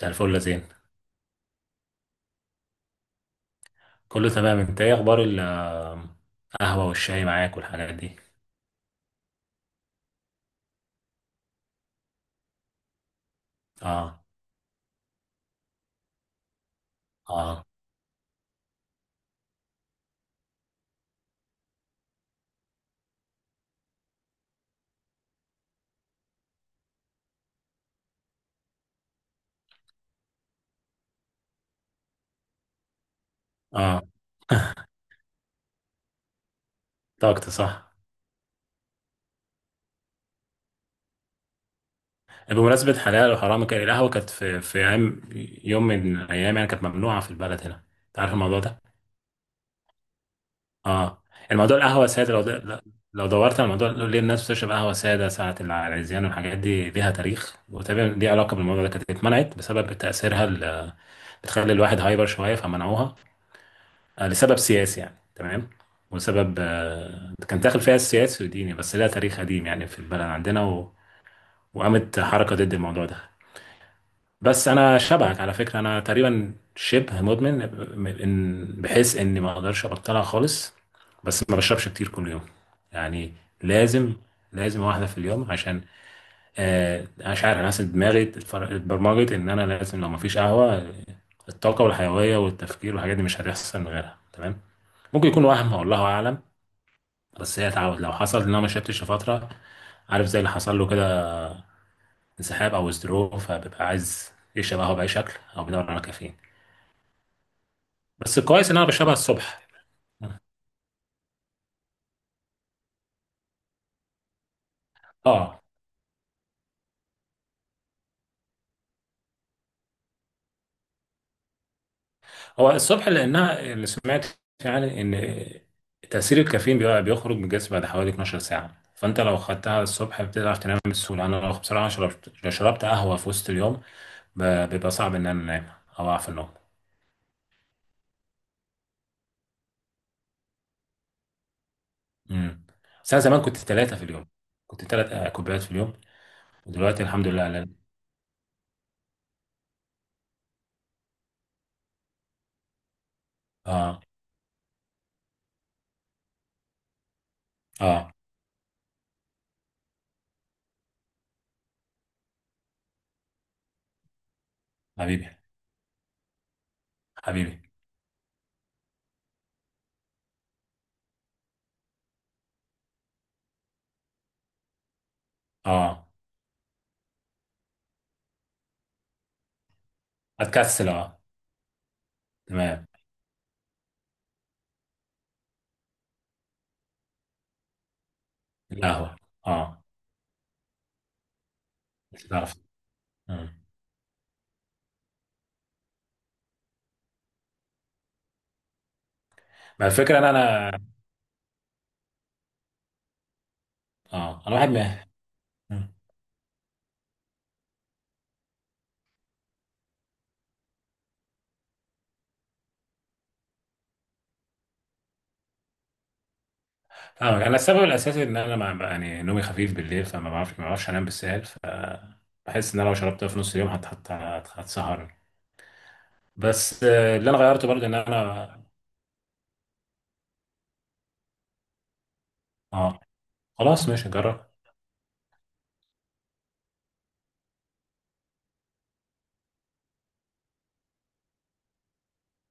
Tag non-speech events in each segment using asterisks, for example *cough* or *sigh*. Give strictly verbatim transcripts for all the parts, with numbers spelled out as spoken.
زي الفل يا زين. كله تمام. انت ايه اخبار القهوة والشاي معاك والحاجات دي؟ اه، اه، اه، طاقت صح. بمناسبة حلال وحرام، كان القهوة كانت في في ايام، يوم من ايام يعني، كانت ممنوعة في البلد هنا. انت عارف الموضوع ده؟ اه. الموضوع القهوة سادة، لو د- لو دورت على الموضوع ليه الناس بتشرب قهوة سادة ساعة العريزيان والحاجات دي، ليها تاريخ وتقريبا ليها علاقة بالموضوع ده. كانت اتمنعت بسبب تأثيرها ال- بتخلي الواحد هايبر شوية فمنعوها. آه، لسبب سياسي يعني. تمام. وسبب آه، كان داخل فيها السياسي والديني، بس لها تاريخ قديم يعني في البلد عندنا، و... وقامت حركة ضد الموضوع ده. بس أنا شبهك على فكرة. أنا تقريبا شبه مدمن، إن- بحيث إني ما أقدرش أبطلها خالص. بس ما بشربش كتير كل يوم، يعني لازم لازم واحدة في اليوم عشان، آه أنا مش عارف، أنا حاسس دماغي اتفر- اتبرمجت إن أنا لازم، لو مفيش قهوة الطاقة والحيوية والتفكير والحاجات دي مش هتحصل من غيرها. تمام. ممكن يكون وهم والله اعلم، بس هي تعود. لو حصل ان انا ما شربتش لفتره، عارف زي اللي حصل له كده انسحاب او ازدروب، فبيبقى عايز يشرب قهوه باي شكل او بيدور على كافيين. بس كويس ان انا بشربها الصبح. اه. هو الصبح لانها اللي سمعت يعني، ان تاثير الكافيين بيبقى بيخرج من الجسم بعد حوالي اتناشر ساعة ساعه، فانت لو خدتها الصبح بتعرف تنام بسهوله. انا لو بصراحه شربت لو شربت قهوه في وسط اليوم ب- بيبقى صعب ان انا انام او اعرف النوم. امم. بس انا زمان كنت ثلاثه في اليوم، كنت ثلاث كوبايات في اليوم. ودلوقتي الحمد لله. على اه، اه، حبيبي، حبيبي، اه، اتكسل، اه، تمام، القهوه، اه، مش هتعرف. مم. ما الفكره ان انا، اه انا واحد ما. مم. فاهمك. انا السبب الاساسي ان انا، ما ما- يعني نومي خفيف بالليل، فما بعرفش، ما بعرفش انام بالسهل. فبحس ان انا لو شربت في نص اليوم هت- هت- هت- هتسهرني. بس آه، اللي انا غيرته برضه ان انا. اه، خلاص ماشي، هجرب.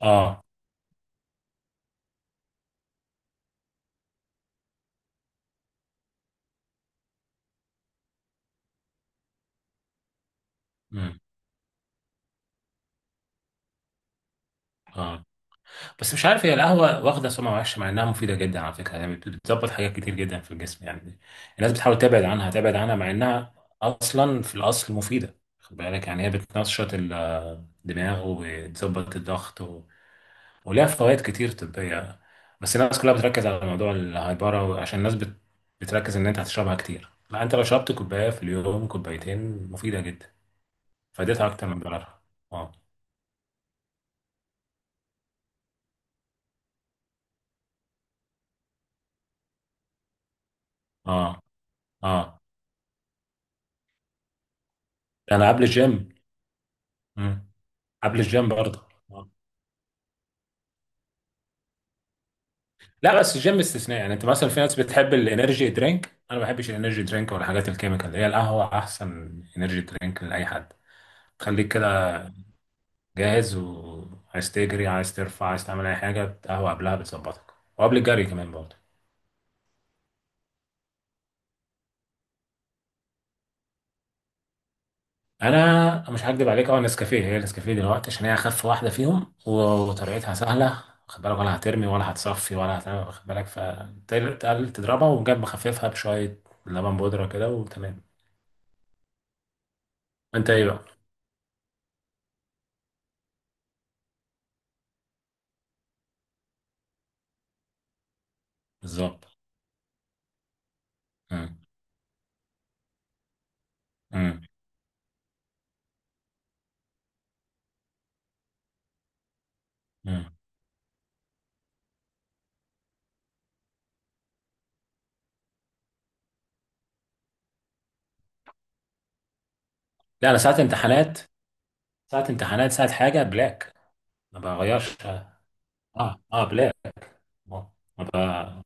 اه. مم. اه. بس مش عارف، هي القهوة واخدة سمعة وحشة، مع إنها مفيدة جدا على فكرة يعني، بت- بتظبط حاجات كتير جدا في الجسم يعني. الناس بتحاول تبعد عنها، تبعد عنها، مع إنها أصلا في الأصل مفيدة. خد بالك يعني، هي بتنشط ال- الدماغ وبتظبط الضغط، و... وليها فوائد كتير طبية. بس الناس كلها بتركز على موضوع الهايبرة عشان الناس بت... بتركز إن أنت هتشربها كتير. لا، أنت لو شربت كوباية في اليوم، كوبايتين، مفيدة جدا. فائدتها أكتر من ضررها. أه. أه. أه. أنا قبل الجيم. قبل الجيم برضه آه. لا بس الجيم استثناء يعني. انت مثلا، في ناس بتحب الانرجي درينك، انا ما بحبش الانرجي درينك ولا الحاجات الكيميكال. هي القهوه احسن انرجي درينك لاي حد. تخليك كده جاهز، وعايز تجري، عايز ترفع، عايز تعمل اي حاجه. القهوه قبلها بتظبطك، وقبل الجري كمان برضه. انا مش هكدب عليك، اه نسكافيه، هي النسكافيه دلوقتي، عشان هي اخف واحده فيهم وطريقتها سهله. خد بالك، ولا هترمي ولا هتصفي ولا هتعمل. خد بالك، فتقل تضربها وجنب مخففها بشويه لبن بودره كده وتمام. انت ايه بقى؟ بالظبط. مم. مم. مم. لا، انا ساعة امتحانات، ساعة امتحانات، ساعة حاجة بلاك. ما بغيرش. اه، اه، بلاك. ما ب-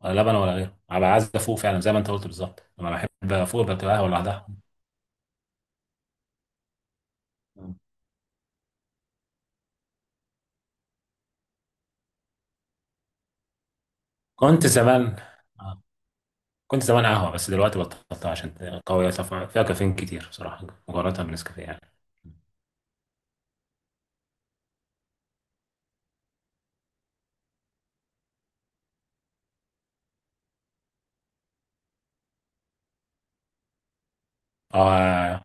ولا لبن ولا غيره، انا ببقى عايز افوق فعلا زي ما انت قلت بالظبط. لما بحب افوق، بتبقى قهوة لوحدها. مم. كنت زمان آه. كنت زمان قهوة، بس دلوقتي بطلتها عشان قوية، صفا- فيها كافيين كتير بصراحة مقارنة بنسكافيه يعني. اه.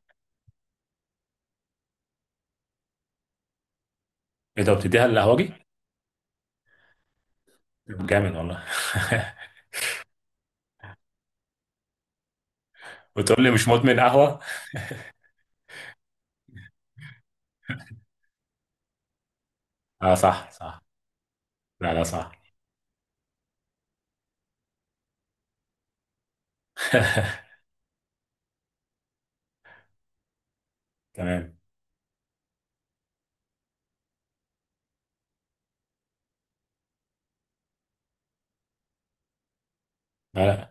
ايه ده، بتديها للقهوجي؟ طب جامد والله. *laughs* وتقول لي مش مدمن قهوة. اه، صح، صح. لا، لا، صح. *laughs* تمام. آه،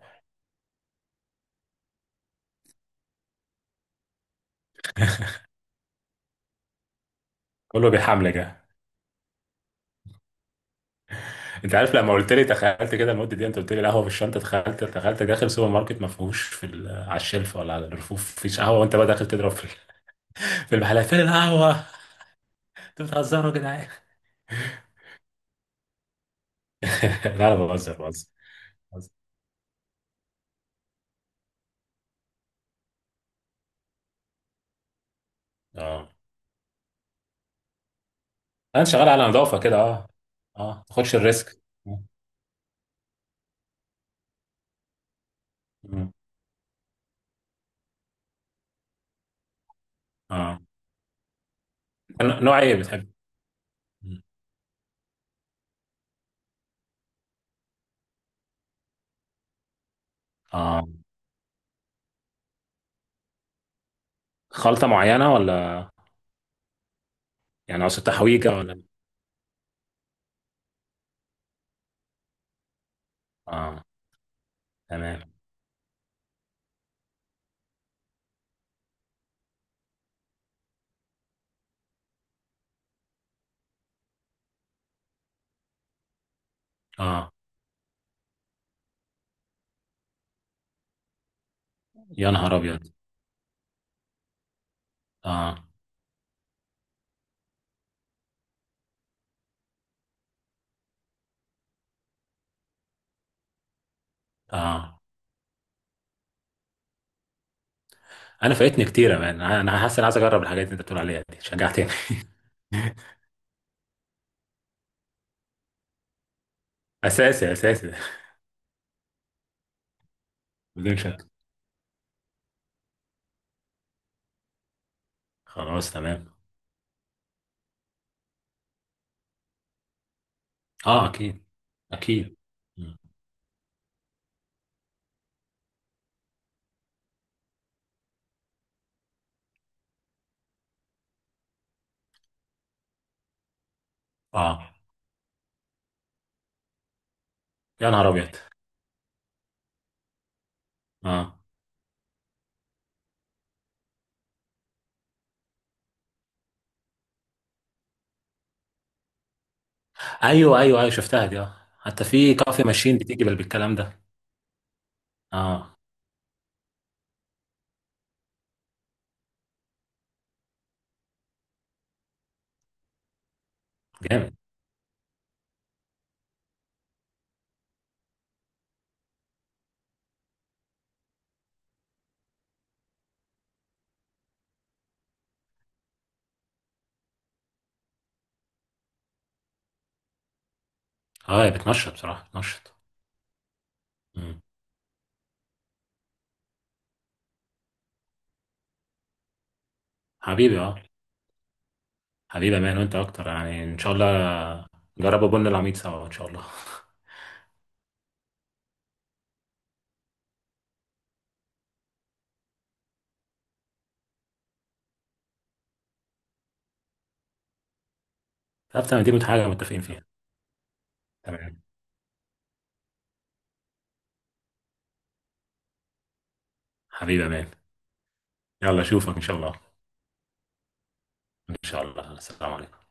كله بيحملك ده. انت عارف لما قلت لي، تخيلت كده المده دي. انت قلت لي القهوه في الشنطه، تخيلت تخيلت داخل سوبر ماركت، ما فيهوش في ال- آه، على الشلف ولا على الرفوف مفيش قهوه، وانت بقى داخل تضرب في ال- *laughs* في المحلات فين القهوه. *laughs* انتوا بتهزروا يا جدعان. *laughs* لا، انا بهزر، بهزر، بهزر. اه، انا شغال على نظافه كده. اه. اه، ما تاخدش الريسك. مم. اه، ن- نوع ايه بتحب؟ مم. اه، خلطه معينه ولا؟ يعني اقصد تحويجه ولا؟ اه، تمام. اه، يا نهار ابيض. اه، اه، انا فايتني كتير يا مان. انا، أنا حاسس إني عايز اجرب الحاجات اللي انت بتقول عليها دي. شجعتني. *laughs* اساسي اساسي. بدون شك. خلاص تمام. اه، اكيد، اكيد. مم. اه، يا نهار ابيض. اه، ايوه، ايوه، ايوه، شفتها دي اه. حتى في كافي ماشين بتيجي بال- بالكلام ده. اه، جامد. اه، هي بتنشط، بصراحه بتنشط. مم. حبيبي، اه. حبيبي يا مان، وانت اكتر يعني ان شاء الله. جربوا بن العميد سوا ان شاء الله. طب تمام، دي حاجه متفقين فيها. تمام. حبيبي يا مان. يلا اشوفك ان شاء الله. ان شاء الله، السلام عليكم.